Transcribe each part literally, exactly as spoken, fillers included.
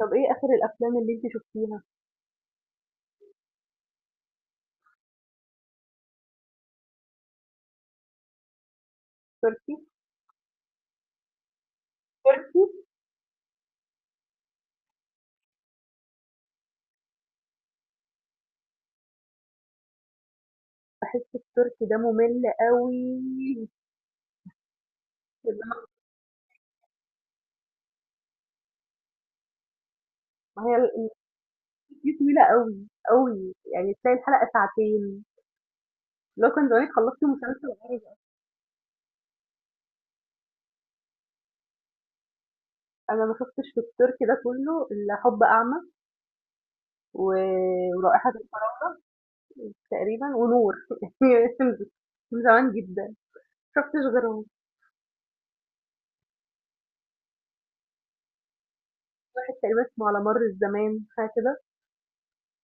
طب إيه آخر الأفلام اللي أنتِ شُفتيها؟ تركي؟ تركي؟ باحس التركي ده مُمِل أوي. ما هي ال دي طويلة أوي، أوي، يعني تلاقي الحلقة ساعتين، اللي هو كان زمانِك خلّصتِ مسلسل عربي أصلًا، أنا ما شُفتش في التركي ده كُلّه إلا حُب أعمى و ورائحة الفراولة تقريبًا ونور هي خلصت من زمان جدًا، ما شُفتش غيرهم، واحد تقريبًا اسمه على مَر الزمان حاجة كده،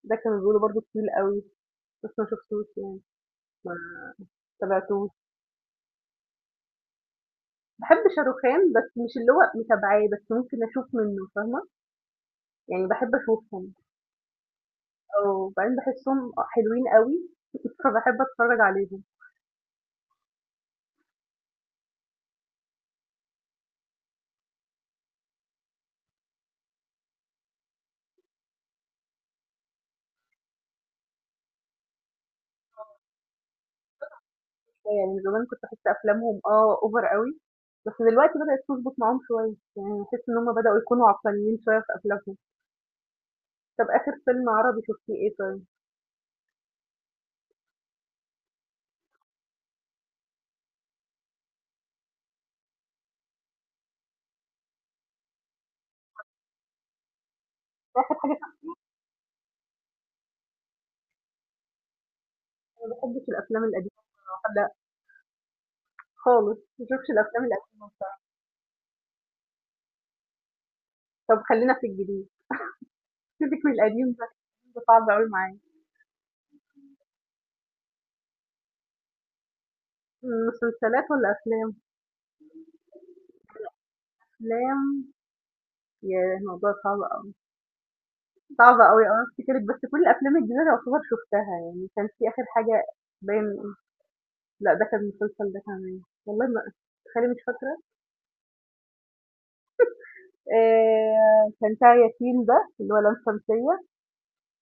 ده كانوا بيقولوا برضه طويل أوي، بس ما شُفتوش يعني، ما ما تابعتوش. باحب شاروخان، بس مش اللي هو متابعاه، بس ممكن أشوف منّه فاهمة، يعني باحب أشوفهم، آه، وبعدين باحسّهم حلوين أوي، فباحب أتفرّج عليهم شوية، يعني زمان كنت باحس أفلامهم آه over أوي، بس دلوقتي بدأت تضبط معاهم شوية، يعني باحس إن هم بدأوا يكونوا عقلانيين شوية في أفلامهم. طَب آخر فيلم عربي شُفتيه إيه طيب؟ أنا ما باحبش الأفلام القديمة، لأ خالص، ما باشوفش الأفلام القديمة بصراحة، طَب خلّينا في الجديد، سيبِك من القديم ده، القديم ده صعب أوي معايا. مسلسلات والّا أفلام؟ أفلام. ياه! الموضوع صعب أوي، صعب أوي آه، أفتكرِك بس كل الأفلام الجديدة يعتبر شُفتها يعني، كان في آخر حاجة باين، لأ ده كان مسلسل ده كمان، والله ما تخيّلي مش فاكرة، آآ كان بتاع يتيم ده اللي هو لام شمسية،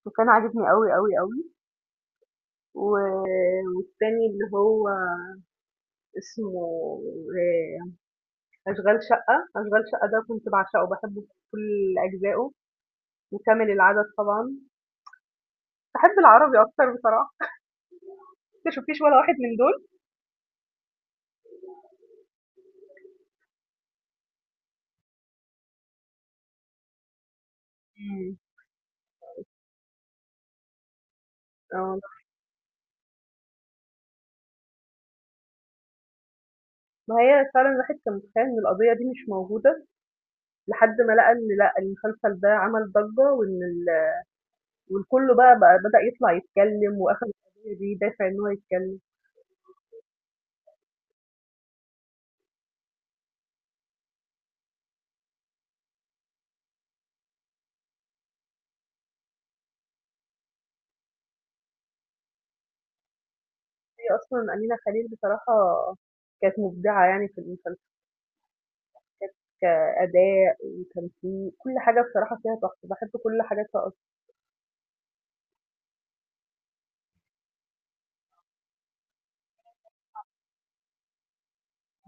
وكان عاجبني أوي، أوي، أوي، و والتاني اللي هو اسمه آآ أشغال شقة، أشغال شقة ده كنت باعشقه، باحبه بكل أجزائه، وكامل العدد طبعًا، باحب العربي أكتر بصراحة، أنتِ ما شُفتيش ولا واحد من دول؟ إمم. آه. ما هي فعلًا الواحد كان متخيّل إن القضية دي مش موجودة، لحد ما لقى إن لأ، المسلسل ده عمل ضجّة وإن ال والكل بقى بقى بدأ يطلع يتكلّم وأخد القضية دي دافع إن هو يتكلّم. هي أصلًا أمينة خليل بصراحة كانت مبدعة يعني في المسلسل، كأداء وتمثيل، كل حاجة بصراحة فيها تحفة، باحب كل حاجاتها أصلًا.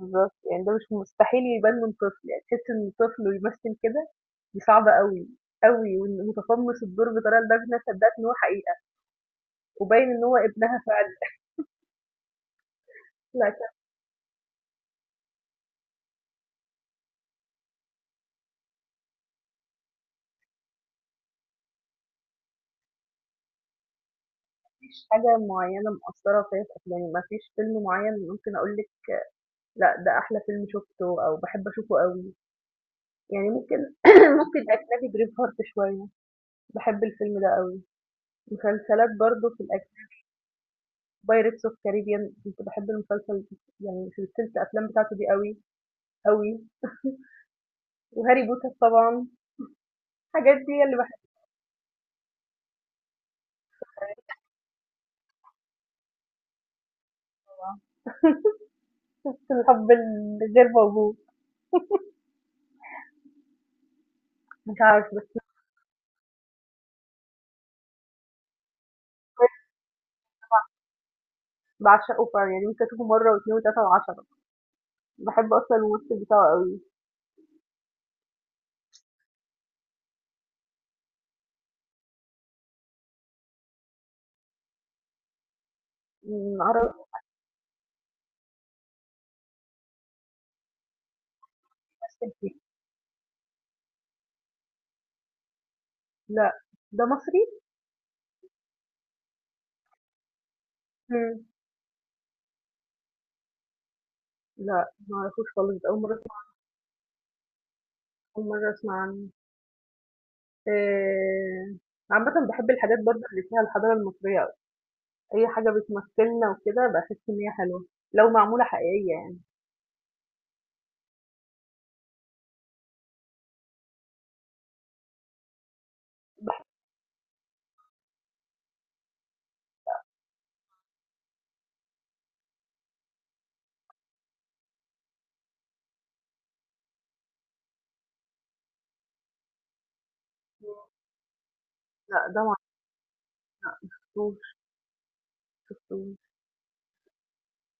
بالضبط، يعني ده مش مستحيل يبان من طفل، يعني تحس إن طفل ويمثّل كده دي صعبة أوي، أوي وإنه متقمّص الدور بطريقة لدرجة إن أنا صدّقت إن هو حقيقة وباين إن هو ابنها فعلًا. لا، مفيش حاجة معيّنة مأثّرة فيّا في أفلامي، مفيش فيلم معيّن ممكن أقول لِك لأ ده أحلى فيلم شُفته أو باحب أشوفه أوي، يعني ممكن ممكن أجنبي braveheart شوية، باحب الفيلم ده أوي، مسلسلات برضه في الأج pirates of caribbean كنت باحب المسلسل يعني سلسلة الأفلام بتاعته دي أوي، أوي وهاري بوتر طبعًا، الحاجات دي هي اللي باحبها، الحب الغير موجود، مش عارفة بس باعشقه فعلًا يعني ممكن أشوفه مرّة و2 و3 و10، باحب أصلًا الممثل بتاعه أوي، إمم، عربي بيمثّل فيه. لأ، ده مصري؟ إمم. لأ، ما أعرفوش خالص، ده أول مرّة أسمع، أول مرّة أسمع عنه. آآ، عامةً باحب الحاجات برضه اللي فيها الحضارة المصرية أوي، أي حاجة بتمثّلنا وكده باحس إن هي حلوة، لو معمولة حقيقية يعني. لأ، ده ما لأ، ما شفتوش ما شفتوش. أنتِ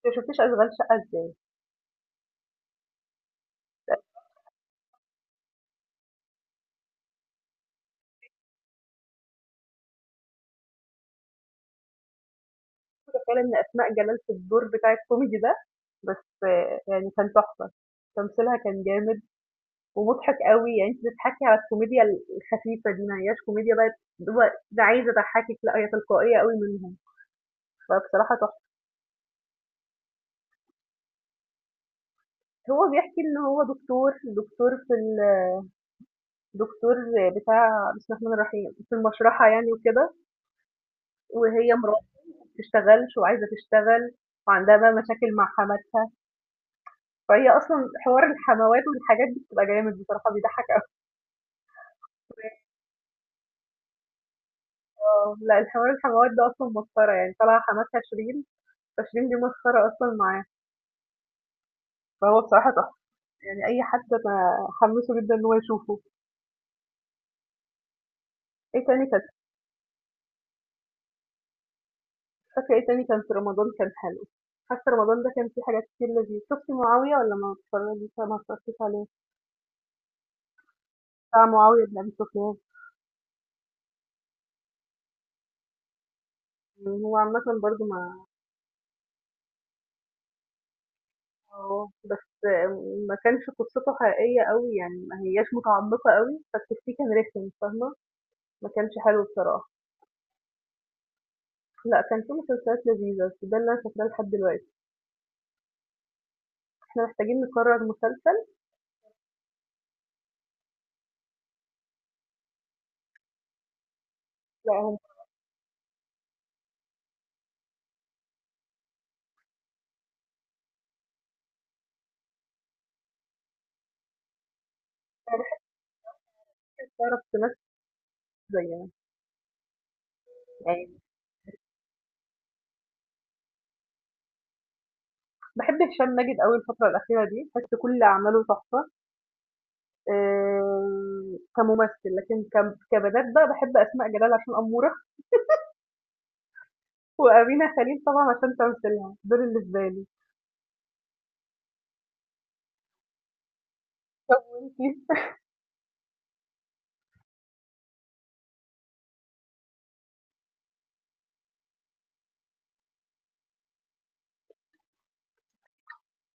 ما شفتيش أشغال شقة إزاي؟ متأكدة فعلًا إن أسماء جلال في الدور بتاع الكوميدي ده، بس يعني كان تحفة، تمثيلها كان جامد ومضحك أوي، يعني أنتِ بتضحكي على الكوميديا ال الخفيفة دي، ما هياش كوميديا بقى اللي هو ده عايز أضحّكِك، لأ هي تلقائية أوي منهم، فبصراحة تحفة. هو بيحكي إن هو دكتور، دكتور في ال دكتور بتاع بسم الله الرحمن الرحيم، في المشرحة يعني وكده، وهي مراته ما بتشتغلش وعايزة تشتغل وعندها بقى مشاكل مع حماتها، فهي أصلًا حوار الحموات والحاجات دي بتبقى جامد بصراحة بيضحّك أوي. آه، لأ الحوار الحموات ده أصلًا مسخرة يعني، طالعة حماتها شيرين، فشيرين دي مسخرة أصلًا معاه، فهو بصراحة تحفة. يعني أي حد أنا حمّاسه جدًا إن هو يشوفه. إيه تاني كان، فاكرة إيه تاني كان في رمضان كان حلو؟ حاسة رمضان ده كان فيه حاجات كتير لذيذة. شُفتِ معاوية والّا ما اتفرّجتيش ما اتفرّجتيش عليه؟ بتاع معاوية بن أبي سفيان. إمم، هو عامةً برضه ما آه، بس ما كانش قصّته حقيقية أوي، يعني ما هياش متعمّقة أوي، فالتفسير كان رخم فاهمة؟ ما كانش حلو بصراحة. لأ، كان في مسلسلات لذيذة، بس ده اللي أنا فاكراه لحد دلوقتي. إحنا محتاجين نقرّر مسلسل، لأ هو مقترح تعرف تمثّل زينا. يعني باحب هشام ماجد أوي الفترة الأخيرة دي، باحس كل أعماله تحفة آآ كممثل، لكن كم كبنات بقى باحب أسماء جلال عشان أمورة، وأمينة خليل طبعًا عشان تمثيلها، دول بالنسبة لي. طب وأنتِ؟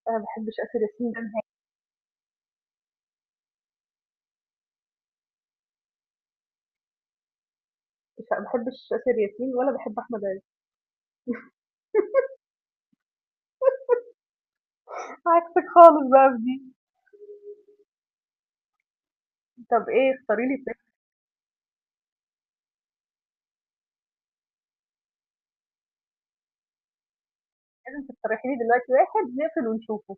أنا ما باحبش آسر ياسين ده نهائي، مش ما باحبش آسر ياسين ولا باحب أحمد عز. عكسِك خالص بقى في دي. طب إيه اختاري لي فيلم، لازم تقترحي لي دلوقتي واحد نقفل ونشوفه.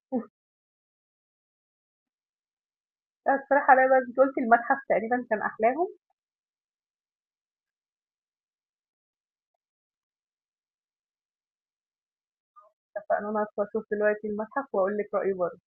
أنا اقترحي عليَّ بقى أنتِ قُلتِ المتحف تقريبًا كان أحلاهم، اتفقنا أنا هادخل أشوف دلوقتي المتحف وأقول لِك رأيي برضه.